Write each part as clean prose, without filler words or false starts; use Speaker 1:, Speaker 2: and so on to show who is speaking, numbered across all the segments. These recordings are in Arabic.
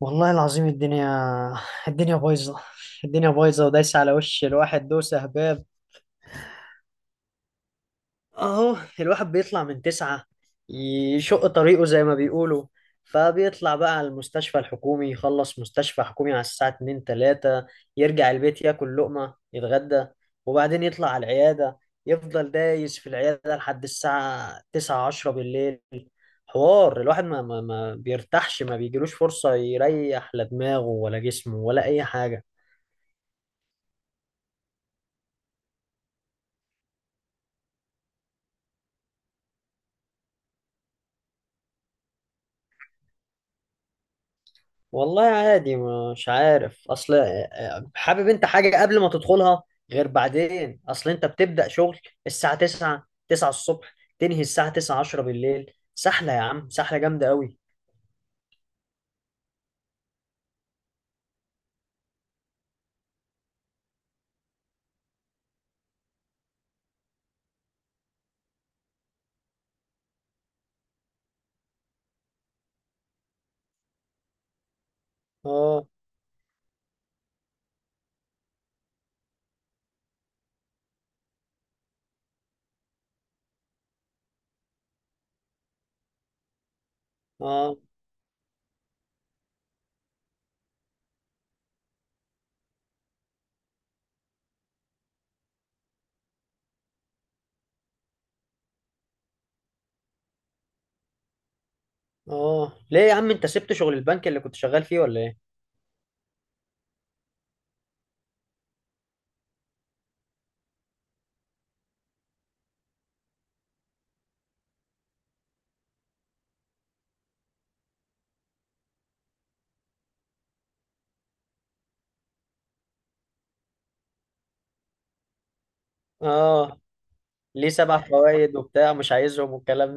Speaker 1: والله العظيم. الدنيا بايظة. الدنيا بايظة ودايسة على وش الواحد دوسة هباب. اهو الواحد بيطلع من تسعة، يشق طريقه زي ما بيقولوا، فبيطلع بقى على المستشفى الحكومي، يخلص مستشفى حكومي على الساعة اتنين تلاتة، يرجع البيت ياكل لقمة يتغدى، وبعدين يطلع على العيادة، يفضل دايس في العيادة لحد الساعة تسعة عشرة بالليل. حوار الواحد ما بيرتاحش، ما بيجيلوش فرصة يريح لا دماغه ولا جسمه ولا أي حاجة. والله عادي، مش عارف. أصل حابب أنت حاجة قبل ما تدخلها، غير بعدين. أصل أنت بتبدأ شغل الساعة 9 9 الصبح، تنهي الساعة 9 10 بالليل. سحلة يا عم، سحلة جامدة قوي. آه آه ليه يا عم أنت سبت شغل البنك اللي كنت شغال فيه ولا إيه؟ آه، ليه سبع فوائد وبتاع مش عايزهم والكلام.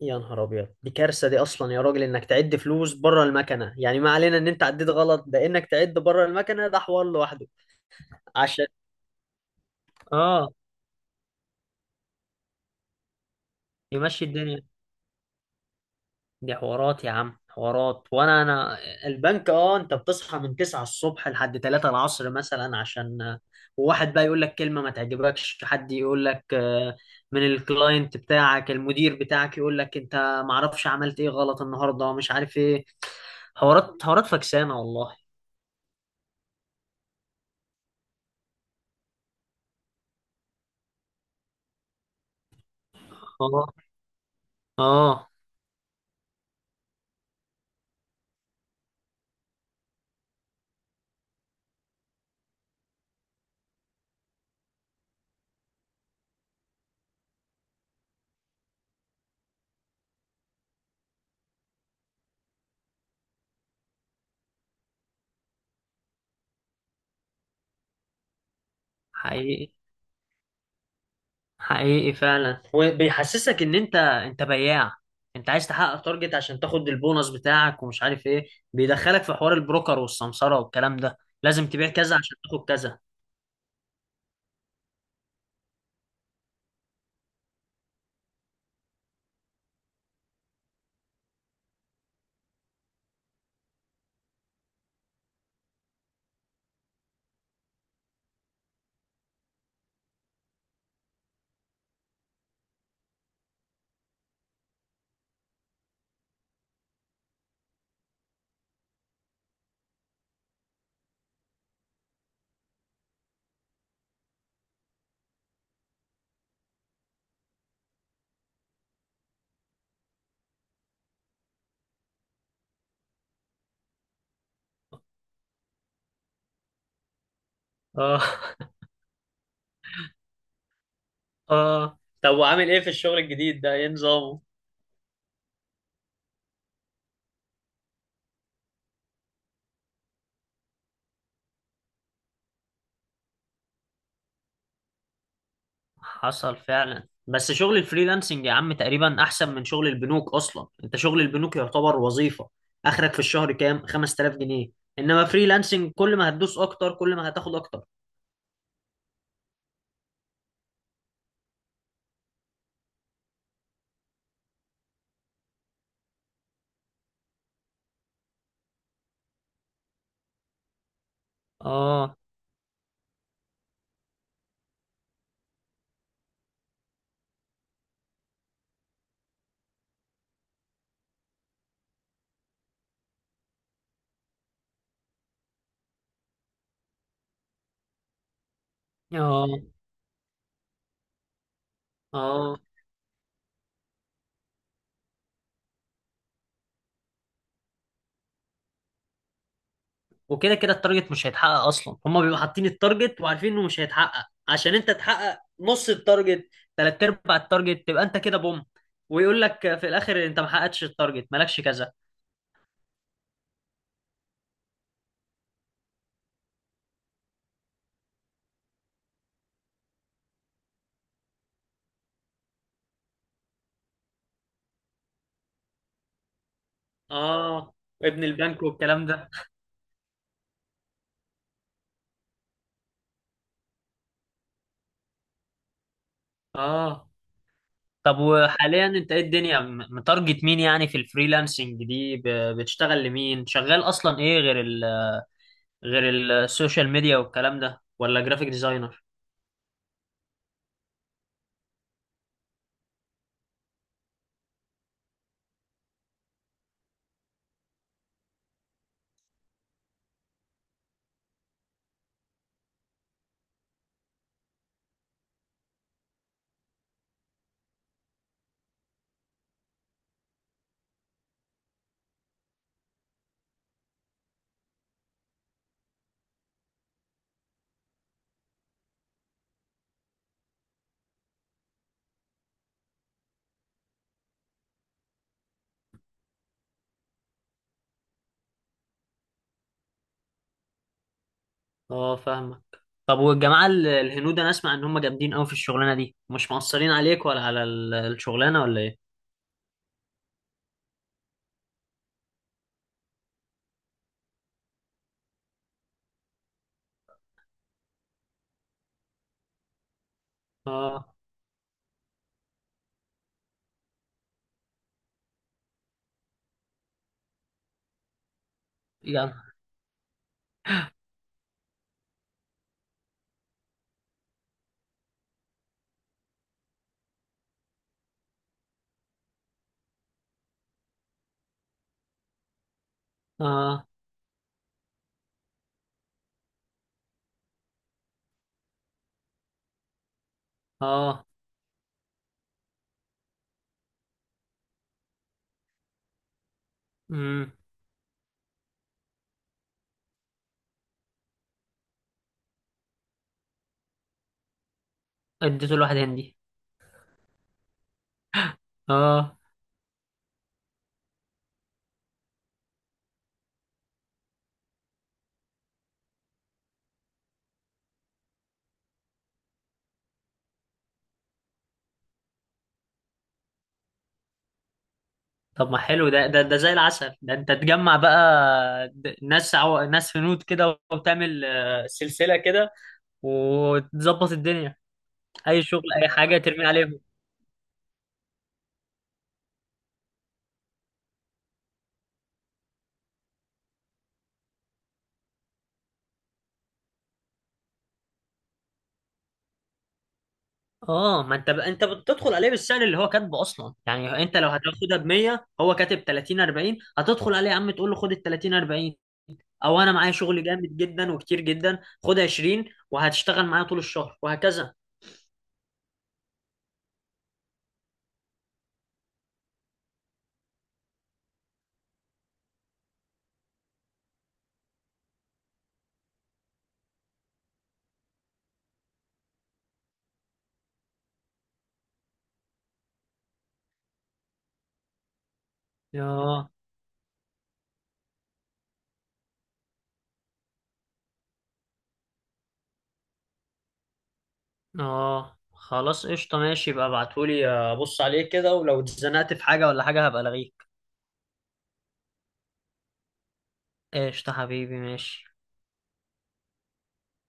Speaker 1: يا نهار ابيض، دي كارثه دي اصلا يا راجل، انك تعد فلوس بره المكنه. يعني ما علينا ان انت عديت غلط، ده انك تعد بره المكنه ده حوار لوحده. عشان. اه. يمشي الدنيا. دي حوارات يا عم، حوارات. وانا البنك. اه انت بتصحى من 9 الصبح لحد 3 العصر مثلا، عشان وواحد بقى يقول لك كلمه ما تعجبكش، حد يقول لك من الكلاينت بتاعك، المدير بتاعك، يقول لك انت ما اعرفش عملت ايه غلط النهارده، مش عارف ايه. حوارات حوارات فكسانه والله. آه. اه. حقيقي حقيقي فعلا، وبيحسسك ان انت بياع، انت عايز تحقق تارجت عشان تاخد البونص بتاعك ومش عارف ايه. بيدخلك في حوار البروكر والسمسرة والكلام ده، لازم تبيع كذا عشان تاخد كذا. اه اه طب وعامل ايه في الشغل الجديد ده؟ ايه نظامه؟ حصل فعلا، بس شغل الفريلانسنج يا عم تقريبا احسن من شغل البنوك اصلا. انت شغل البنوك يعتبر وظيفة، اخرك في الشهر كام؟ 5000 جنيه. انما فريلانسنج، كل ما هتدوس اكتر كل ما هتاخد اكتر. اه. اه. اه وكده كده التارجت مش هيتحقق اصلا. هما بيبقوا حاطين التارجت وعارفين انه مش هيتحقق، عشان انت تحقق نص التارجت، تلات ارباع التارجت، تبقى انت كده بوم، ويقول لك في الاخر انت ما حققتش التارجت، مالكش كذا. اه ابن البنك والكلام ده. اه طب وحاليا انت ايه الدنيا متارجت مين يعني في الفريلانسنج دي؟ بتشتغل لمين؟ شغال اصلا ايه غير ال، غير السوشيال ميديا والكلام ده، ولا جرافيك ديزاينر؟ اه فاهمك. طب والجماعة الهنود، انا اسمع ان هم جامدين قوي في الشغلانة دي، مش مقصرين عليك ولا على الشغلانة ولا ايه؟ اه يعني. اه. اه. امم. اديته لواحد هندي. اه. طب ما حلو ده. زي العسل ده، انت تجمع بقى ناس ناس هنود كده، وتعمل سلسلة كده وتظبط الدنيا. اي شغل اي حاجة ترمي عليهم. اه، ما انت انت بتدخل عليه بالسعر اللي هو كاتبه اصلا، يعني انت لو هتاخدها ب 100، هو كاتب 30 40، هتدخل عليه يا عم تقول له خد ال 30 40، او انا معايا شغل جامد جدا وكتير جدا، خد 20 وهتشتغل معايا طول الشهر وهكذا. اه. اه خلاص قشطه، ماشي بقى، ابعتهولي ابص عليه كده، ولو اتزنقت في حاجه ولا حاجه هبقى الغيك. قشطه حبيبي، ماشي.